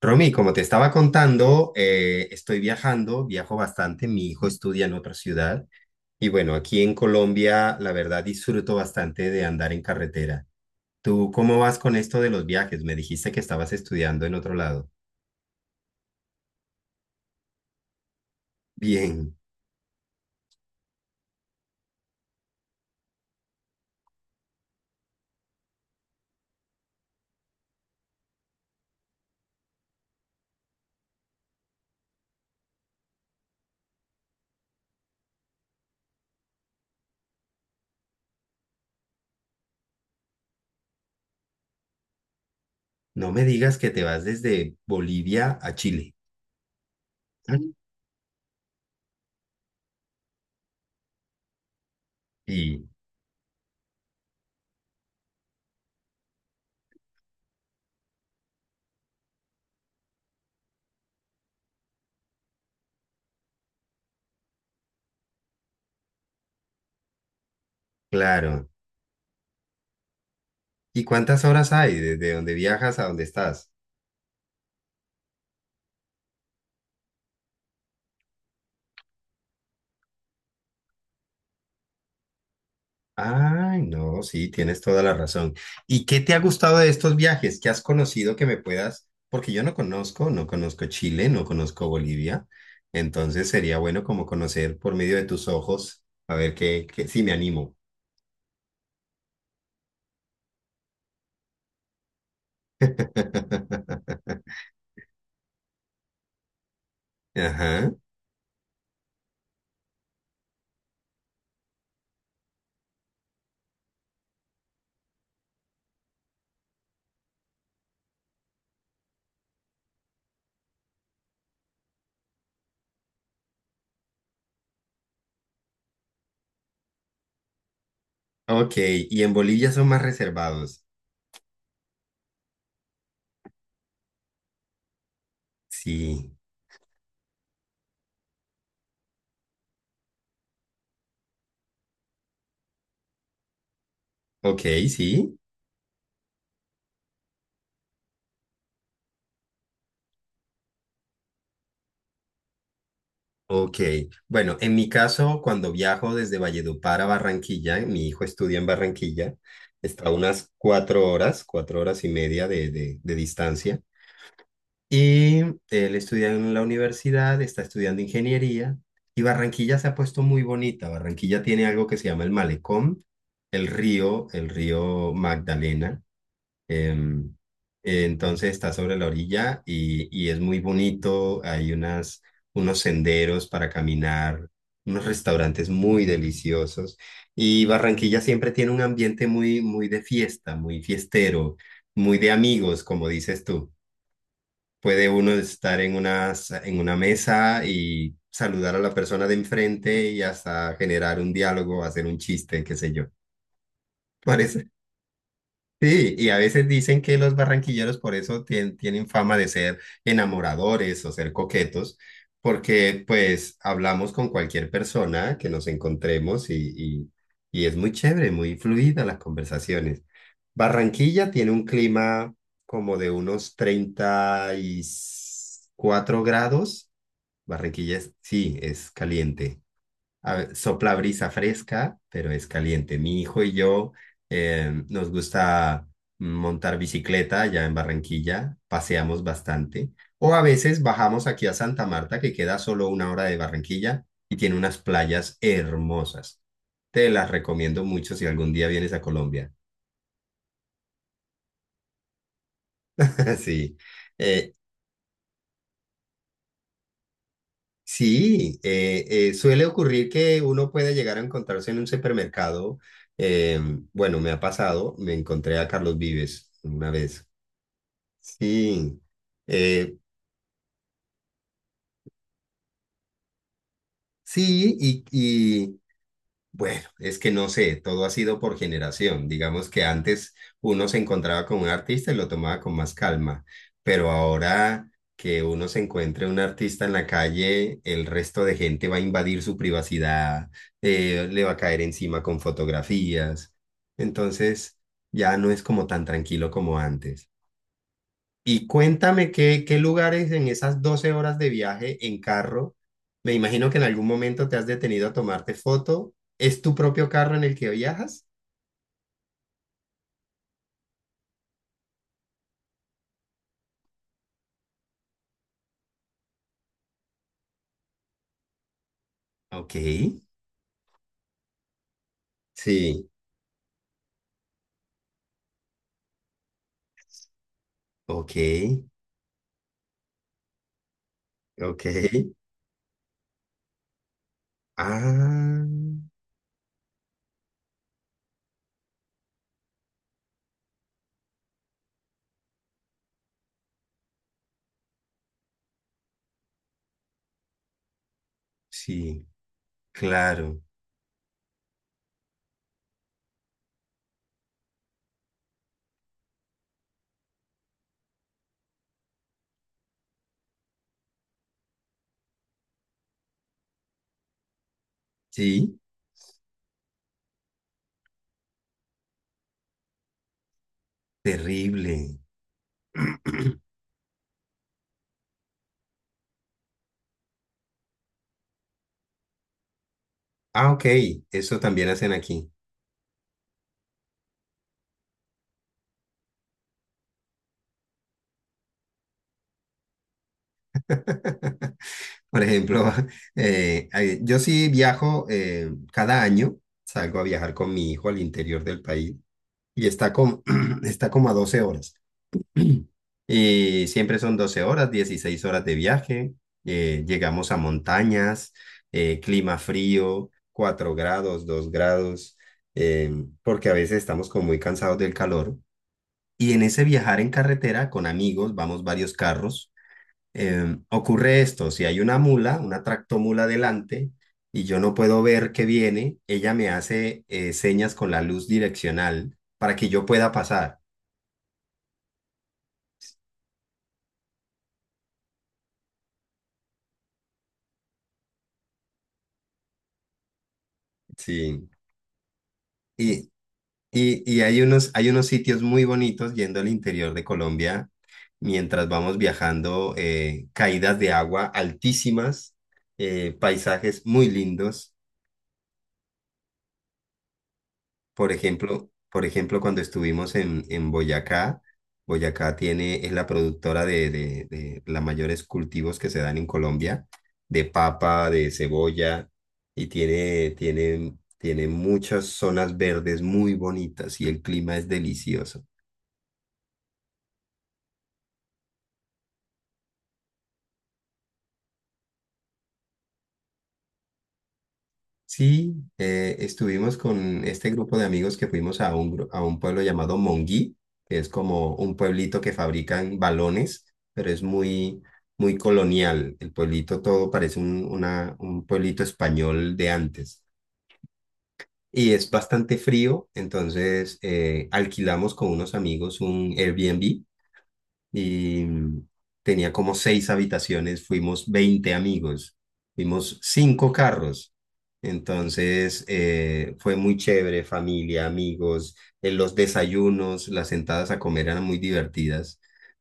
Romy, como te estaba contando, estoy viajando, viajo bastante, mi hijo estudia en otra ciudad y bueno, aquí en Colombia la verdad disfruto bastante de andar en carretera. ¿Tú cómo vas con esto de los viajes? Me dijiste que estabas estudiando en otro lado. Bien, no me digas que te vas desde Bolivia a Chile. Ah. Y claro, ¿y cuántas horas hay desde donde viajas a donde estás? Ay, no, sí, tienes toda la razón. ¿Y qué te ha gustado de estos viajes? ¿Qué has conocido que me puedas? Porque yo no conozco, no conozco Chile, no conozco Bolivia. Entonces sería bueno como conocer por medio de tus ojos, a ver qué, si me animo. Ajá. Ok, y en Bolivia son más reservados. Sí. Ok, sí. Ok, bueno, en mi caso, cuando viajo desde Valledupar a Barranquilla, mi hijo estudia en Barranquilla, está a unas 4 horas, 4 horas y media de distancia, y él estudia en la universidad, está estudiando ingeniería, y Barranquilla se ha puesto muy bonita. Barranquilla tiene algo que se llama el malecón, el río Magdalena. Em, entonces está sobre la orilla y es muy bonito. Hay unos senderos para caminar, unos restaurantes muy deliciosos. Y Barranquilla siempre tiene un ambiente muy, muy de fiesta, muy fiestero, muy de amigos, como dices tú. Puede uno estar en una mesa y saludar a la persona de enfrente y hasta generar un diálogo, hacer un chiste, qué sé yo. Parece. Sí, y a veces dicen que los barranquilleros por eso tienen fama de ser enamoradores o ser coquetos, porque pues hablamos con cualquier persona que nos encontremos y es muy chévere, muy fluida las conversaciones. Barranquilla tiene un clima como de unos 34 grados. Sí, es caliente, sopla brisa fresca, pero es caliente. Mi hijo y yo nos gusta montar bicicleta ya en Barranquilla, paseamos bastante. O a veces bajamos aquí a Santa Marta, que queda solo una hora de Barranquilla y tiene unas playas hermosas. Te las recomiendo mucho si algún día vienes a Colombia. Sí. Eh, Sí, suele ocurrir que uno puede llegar a encontrarse en un supermercado. eh, bueno, me ha pasado, me encontré a Carlos Vives una vez. Sí, eh, sí, y, bueno, es que no sé, todo ha sido por generación. Digamos que antes uno se encontraba con un artista y lo tomaba con más calma, pero ahora que uno se encuentre un artista en la calle, el resto de gente va a invadir su privacidad, le va a caer encima con fotografías. Entonces, ya no es como tan tranquilo como antes. Y cuéntame qué, lugares en esas 12 horas de viaje en carro, me imagino que en algún momento te has detenido a tomarte foto. ¿Es tu propio carro en el que viajas? Ok, sí, ok, ok. Ah, sí, claro, sí, terrible. Ah, ok, eso también hacen aquí. Por ejemplo, yo sí viajo, cada año, salgo a viajar con mi hijo al interior del país y está como, está como a 12 horas. Y siempre son 12 horas, 16 horas de viaje. Llegamos a montañas, clima frío, 4 grados, 2 grados, eh, porque a veces estamos como muy cansados del calor. Y en ese viajar en carretera con amigos, vamos varios carros, ocurre esto, si hay una mula, una tractomula delante, y yo no puedo ver que viene, ella me hace señas con la luz direccional para que yo pueda pasar. Sí, y, y hay unos sitios muy bonitos yendo al interior de Colombia mientras vamos viajando, caídas de agua altísimas, paisajes muy lindos. Por ejemplo, cuando estuvimos en Boyacá, Boyacá tiene, es la productora de los mayores cultivos que se dan en Colombia, de papa, de cebolla, y tiene muchas zonas verdes muy bonitas y el clima es delicioso. Sí, estuvimos con este grupo de amigos que fuimos a a un pueblo llamado Monguí, que es como un pueblito que fabrican balones, pero es muy, muy colonial. El pueblito todo parece un pueblito español de antes. Y es bastante frío, entonces alquilamos con unos amigos un Airbnb y tenía como seis habitaciones, fuimos 20 amigos, fuimos cinco carros. Entonces fue muy chévere, familia, amigos, en los desayunos, las sentadas a comer eran muy divertidas.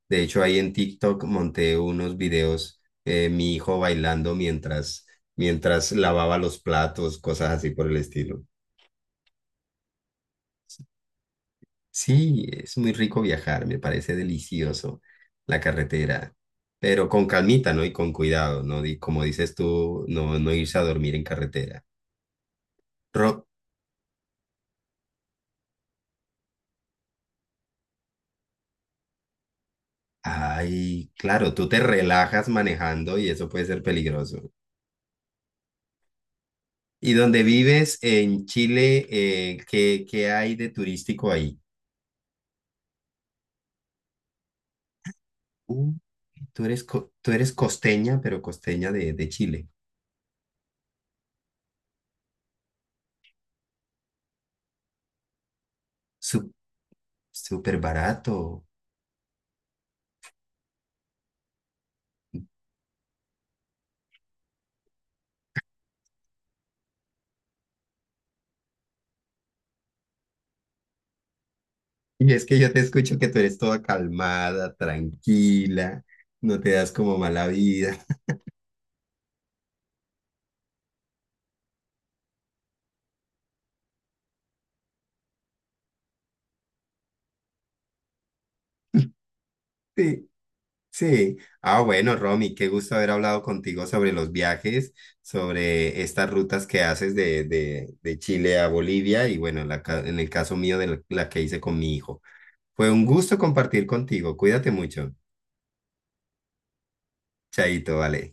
De hecho, ahí en TikTok monté unos videos, mi hijo bailando mientras lavaba los platos, cosas así por el estilo. Sí, es muy rico viajar, me parece delicioso la carretera, pero con calmita, ¿no? Y con cuidado, ¿no? Como dices tú, no, no irse a dormir en carretera. Ro- Ay, claro, tú te relajas manejando y eso puede ser peligroso. ¿Y donde vives en Chile, qué, hay de turístico ahí? Uh, tú eres costeña, pero costeña de Chile. Su- Súper barato. Y es que yo te escucho que tú eres toda calmada, tranquila, no te das como mala vida. Sí, sí. Ah, bueno, Romy, qué gusto haber hablado contigo sobre los viajes, sobre estas rutas que haces de Chile a Bolivia y bueno, en el caso mío de la que hice con mi hijo. Fue un gusto compartir contigo. Cuídate mucho. Chaito, vale.